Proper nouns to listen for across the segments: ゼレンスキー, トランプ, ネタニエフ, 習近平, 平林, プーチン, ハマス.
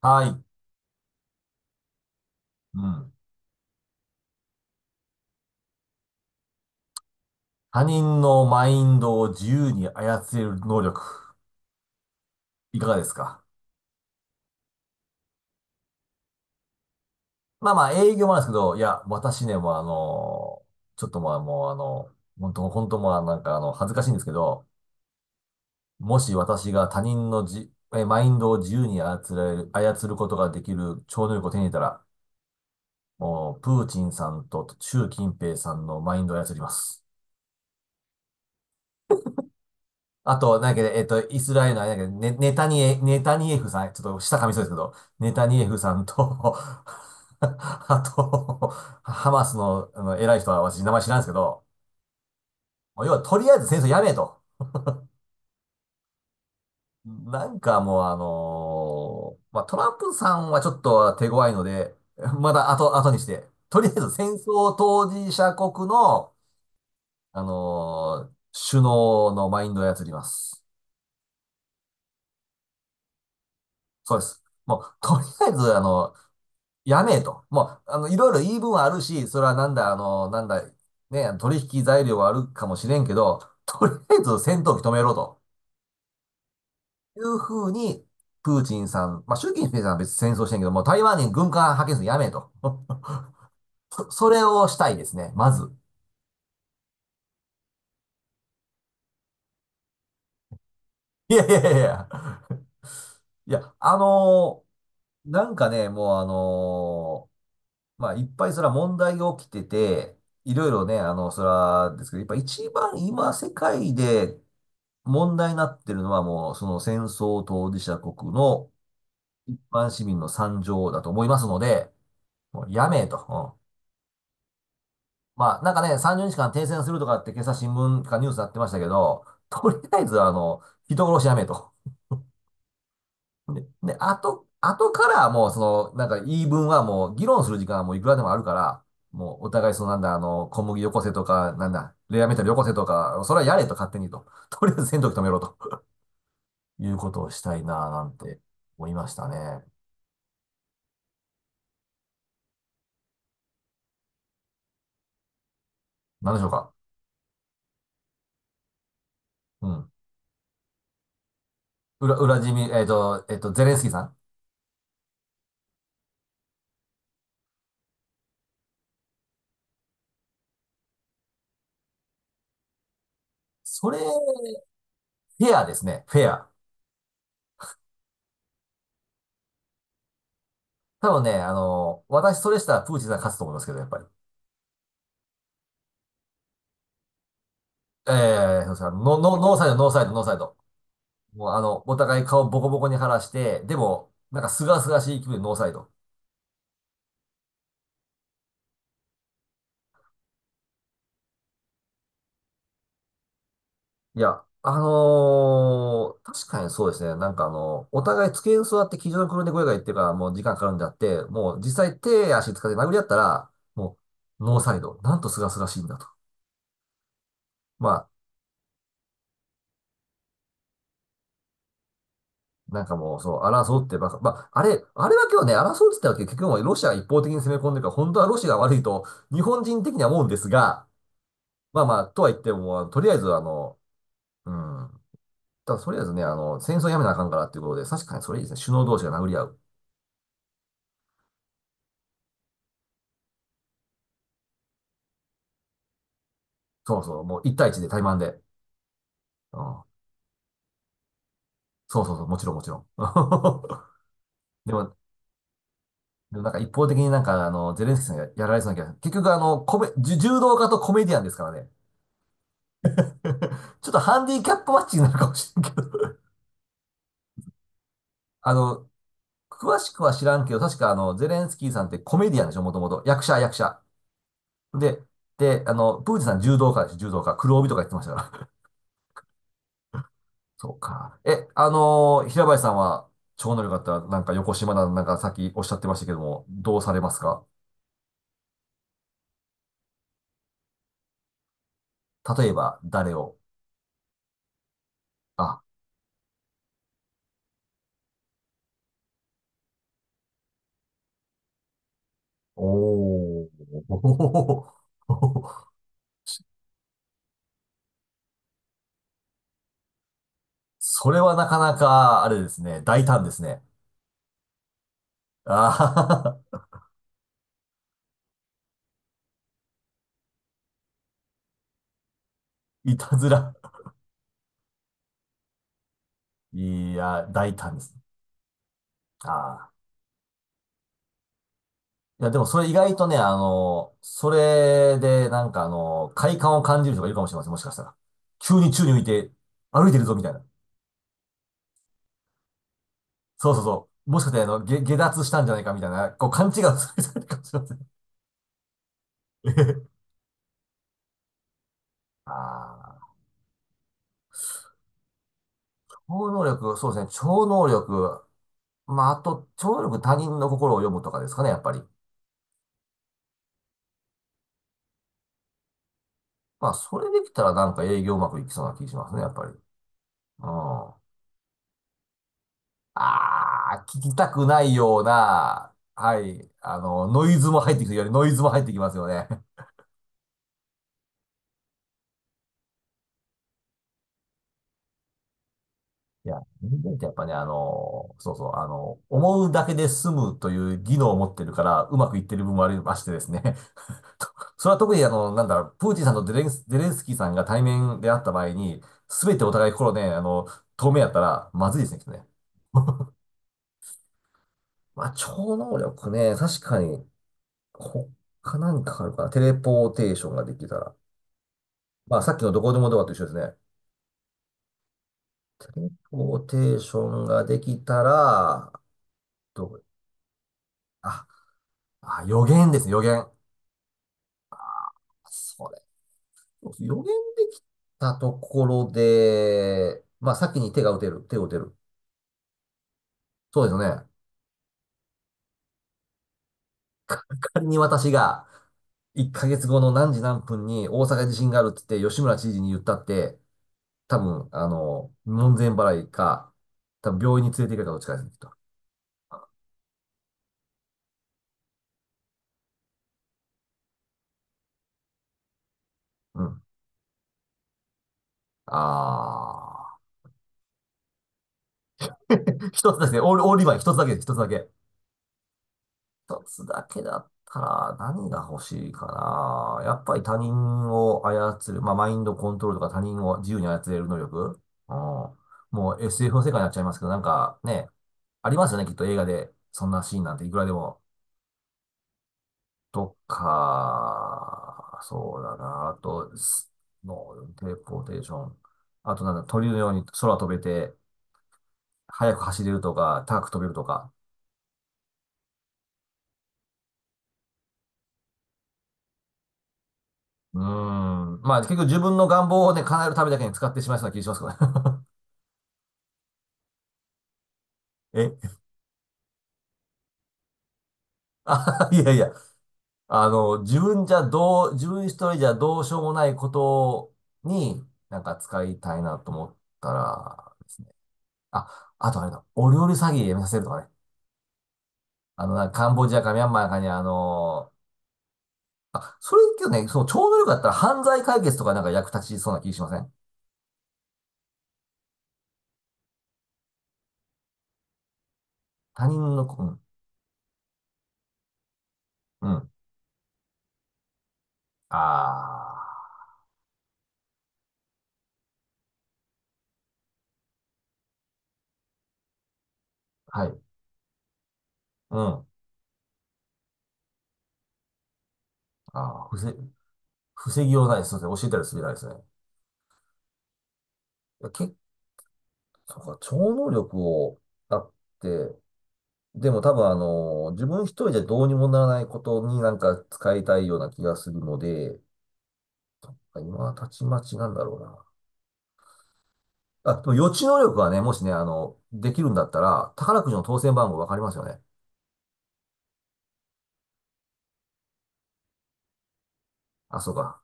はい。うん。他人のマインドを自由に操れる能力、いかがですか？まあまあ、営業もあるんですけど、いや、私ね、もうちょっとまあもう本当本当まあなんか恥ずかしいんですけど、もし私が他人のマインドを自由に操ることができる超能力を手に入れたら、もう、プーチンさんと習近平さんのマインドを操ります。あと、なんだっけ、イスラエルのあれだっけ、ネタニエフさん、ちょっと下噛みそうですけど、ネタニエフさんと あと、ハマスの、あの偉い人は私、名前知らんですけど、もう要はとりあえず戦争やめと。なんかもうまあ、トランプさんはちょっと手強いので、まだ後にして、とりあえず戦争当事者国の、首脳のマインドを操ります。そうです。もう、とりあえず、やめえと。もう、いろいろ言い分はあるし、それはなんだ、なんだ、ね、取引材料はあるかもしれんけど、とりあえず戦闘機止めろというふうに、プーチンさん、まあ、習近平さんは別に戦争してんけど、もう台湾に軍艦派遣するのやめえと。それをしたいですね、まず。いやいやいやいや。いや、なんかね、もうまあ、いっぱいそれは問題が起きてて、いろいろね、それはですけど、やっぱ一番今世界で問題になってるのはもう、その戦争当事者国の一般市民の惨状だと思いますので、もうやめえと。うん、まあ、なんかね、30日間停戦するとかって今朝新聞かニュースになってましたけど、とりあえず人殺しやめえと。で、あとからもうその、なんか言い分はもう議論する時間はもういくらでもあるから、もうお互いそのなんだ、小麦よこせとか、なんだ、レアメタルよこせとか、それはやれと勝手にと。とりあえず戦闘機止めろと。いうことをしたいなぁなんて思いましたね。なんでしょうか。うん。裏、裏地味、えっと、えっと、ゼレンスキーさん。それ、フェアですね。フェア。多分ね、私それしたらプーチンさん勝つと思いますけど、やっぱり。ええー、そうですか。ノーサイド、ノーサイド、ノーサイド。もうお互い顔ボコボコに晴らして、でも、なんかすがすがしい気分でノーサイド。いや、確かにそうですね。なんかお互い机に座って机上の黒猫が言ってるからもう時間かかるんであって、もう実際手足使って殴り合ったら、もうノーサイド。なんとすがすがしいんだと。まあ、なんかもうそう、争うってばか、まあ、あれだけはね、争うって言ったわけ結局もうロシアが一方的に攻め込んでるから、本当はロシアが悪いと日本人的には思うんですが、まあまあ、とは言っても、とりあえずうん、ただとりあえずね、戦争やめなあかんからっていうことで、確かにそれいいですね。首脳同士が殴り合う。そうそう、もう一対一で対マンで。うん。そうそうそう、もちろんもちろん。でも、なんか一方的になんかゼレンスキーさんがやられそうな気がする。結局コメ、じ柔道家とコメディアンですからね。ちょっとハンディキャップマッチになるかもしれんけど。あの、詳しくは知らんけど、確かゼレンスキーさんってコメディアンでしょ、もともと。役者、役者。で、で、プーチンさん柔道家でしょ、柔道家。黒帯とか言ってましたから。そうか。え、あのー平林さんは、超能力あったら、なんか横島な、なんかさっきおっしゃってましたけども、どうされますか？例えば、誰をあ、おー。それはなかなか、あれですね、大胆ですね。あー いたずら。いや、大胆ですね。あいや、でもそれ意外とね、それで、なんか快感を感じる人がいるかもしれません、もしかしたら。急に宙に浮いて、歩いてるぞ、みたいな。そうそうそう。もしかして、下脱したんじゃないか、みたいな、こう、勘違いをする人がいるかもしれません。ああ。超能力、そうですね、超能力。まあ、あと、超能力他人の心を読むとかですかね、やっぱり。まあ、それできたらなんか営業うまくいきそうな気しますね、やっぱり。うん。ああ、聞きたくないような、はい、ノイズも入ってきてよりノイズも入ってきますよね。いや、人間ってやっぱね、そうそう、思うだけで済むという技能を持ってるから、うまくいってる部分もありましてですね。とそれは特になんだろう、プーチンさんとゼレンスキーさんが対面であった場合に、すべてお互い心ね、透明やったら、まずいですね、きっとね。まあ、超能力ね、確かに、他何かあるかな。テレポーテーションができたら。まあ、さっきのどこでもドアと一緒ですね。テレポーテーションができたら、どう、あ、あ、予言ですね、予言。それ。予言できたところで、まあ、先に手を打てる。そうですよね。仮に私が、1ヶ月後の何時何分に大阪地震があるって言って、吉村知事に言ったって、多分、門前払いか、多分病院に連れて行くかどっちかですね、きっと。うん。あー。一つですね。オールリバイン、一つだけです、一つだけ。一つだけだったら何が欲しいかな。やっぱり他人を操る、まあ、マインドコントロールとか他人を自由に操れる能力。うん。もう SF の世界になっちゃいますけど、なんかね、ありますよね、きっと映画で。そんなシーンなんていくらでも。とか、そうだな。あと、もう、テレポーテーション。あとなんだ、鳥のように空飛べて、速く走れるとか、高く飛べるとか。うーん。まあ、結局自分の願望をね、叶えるためだけに使ってしまいそうな気がしますけどね。えいやいや。自分一人じゃどうしようもないことに、なんか使いたいなと思ったらですね。あ、あとあれだ。お料理詐欺やめさせるとかね。なんかカンボジアかミャンマーかにそれけどね、その超能力だったら犯罪解決とかなんか役立ちそうな気しません？他人のこ、うん、うん。ああ、はい。うん。ああ、防ぎようないです。そうですね。教えたりするじゃないですね。いや、そうか、超能力を、だって、でも多分自分一人じゃどうにもならないことになんか使いたいような気がするので、そっか今はたちまちなんだろうな。あ、でも予知能力はね、もしね、できるんだったら、宝くじの当選番号わかりますよね。あ、そうか。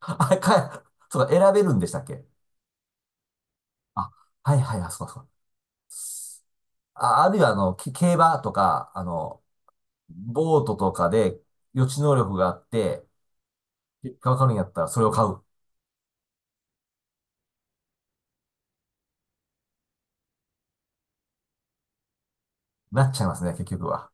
あ、か、そうか、選べるんでしたっけ？あ、はいはい、あ、そうかそうか。あ、あるいは、競馬とか、ボートとかで予知能力があって、結果わかるんやったらそれを買う。なっちゃいますね、結局は。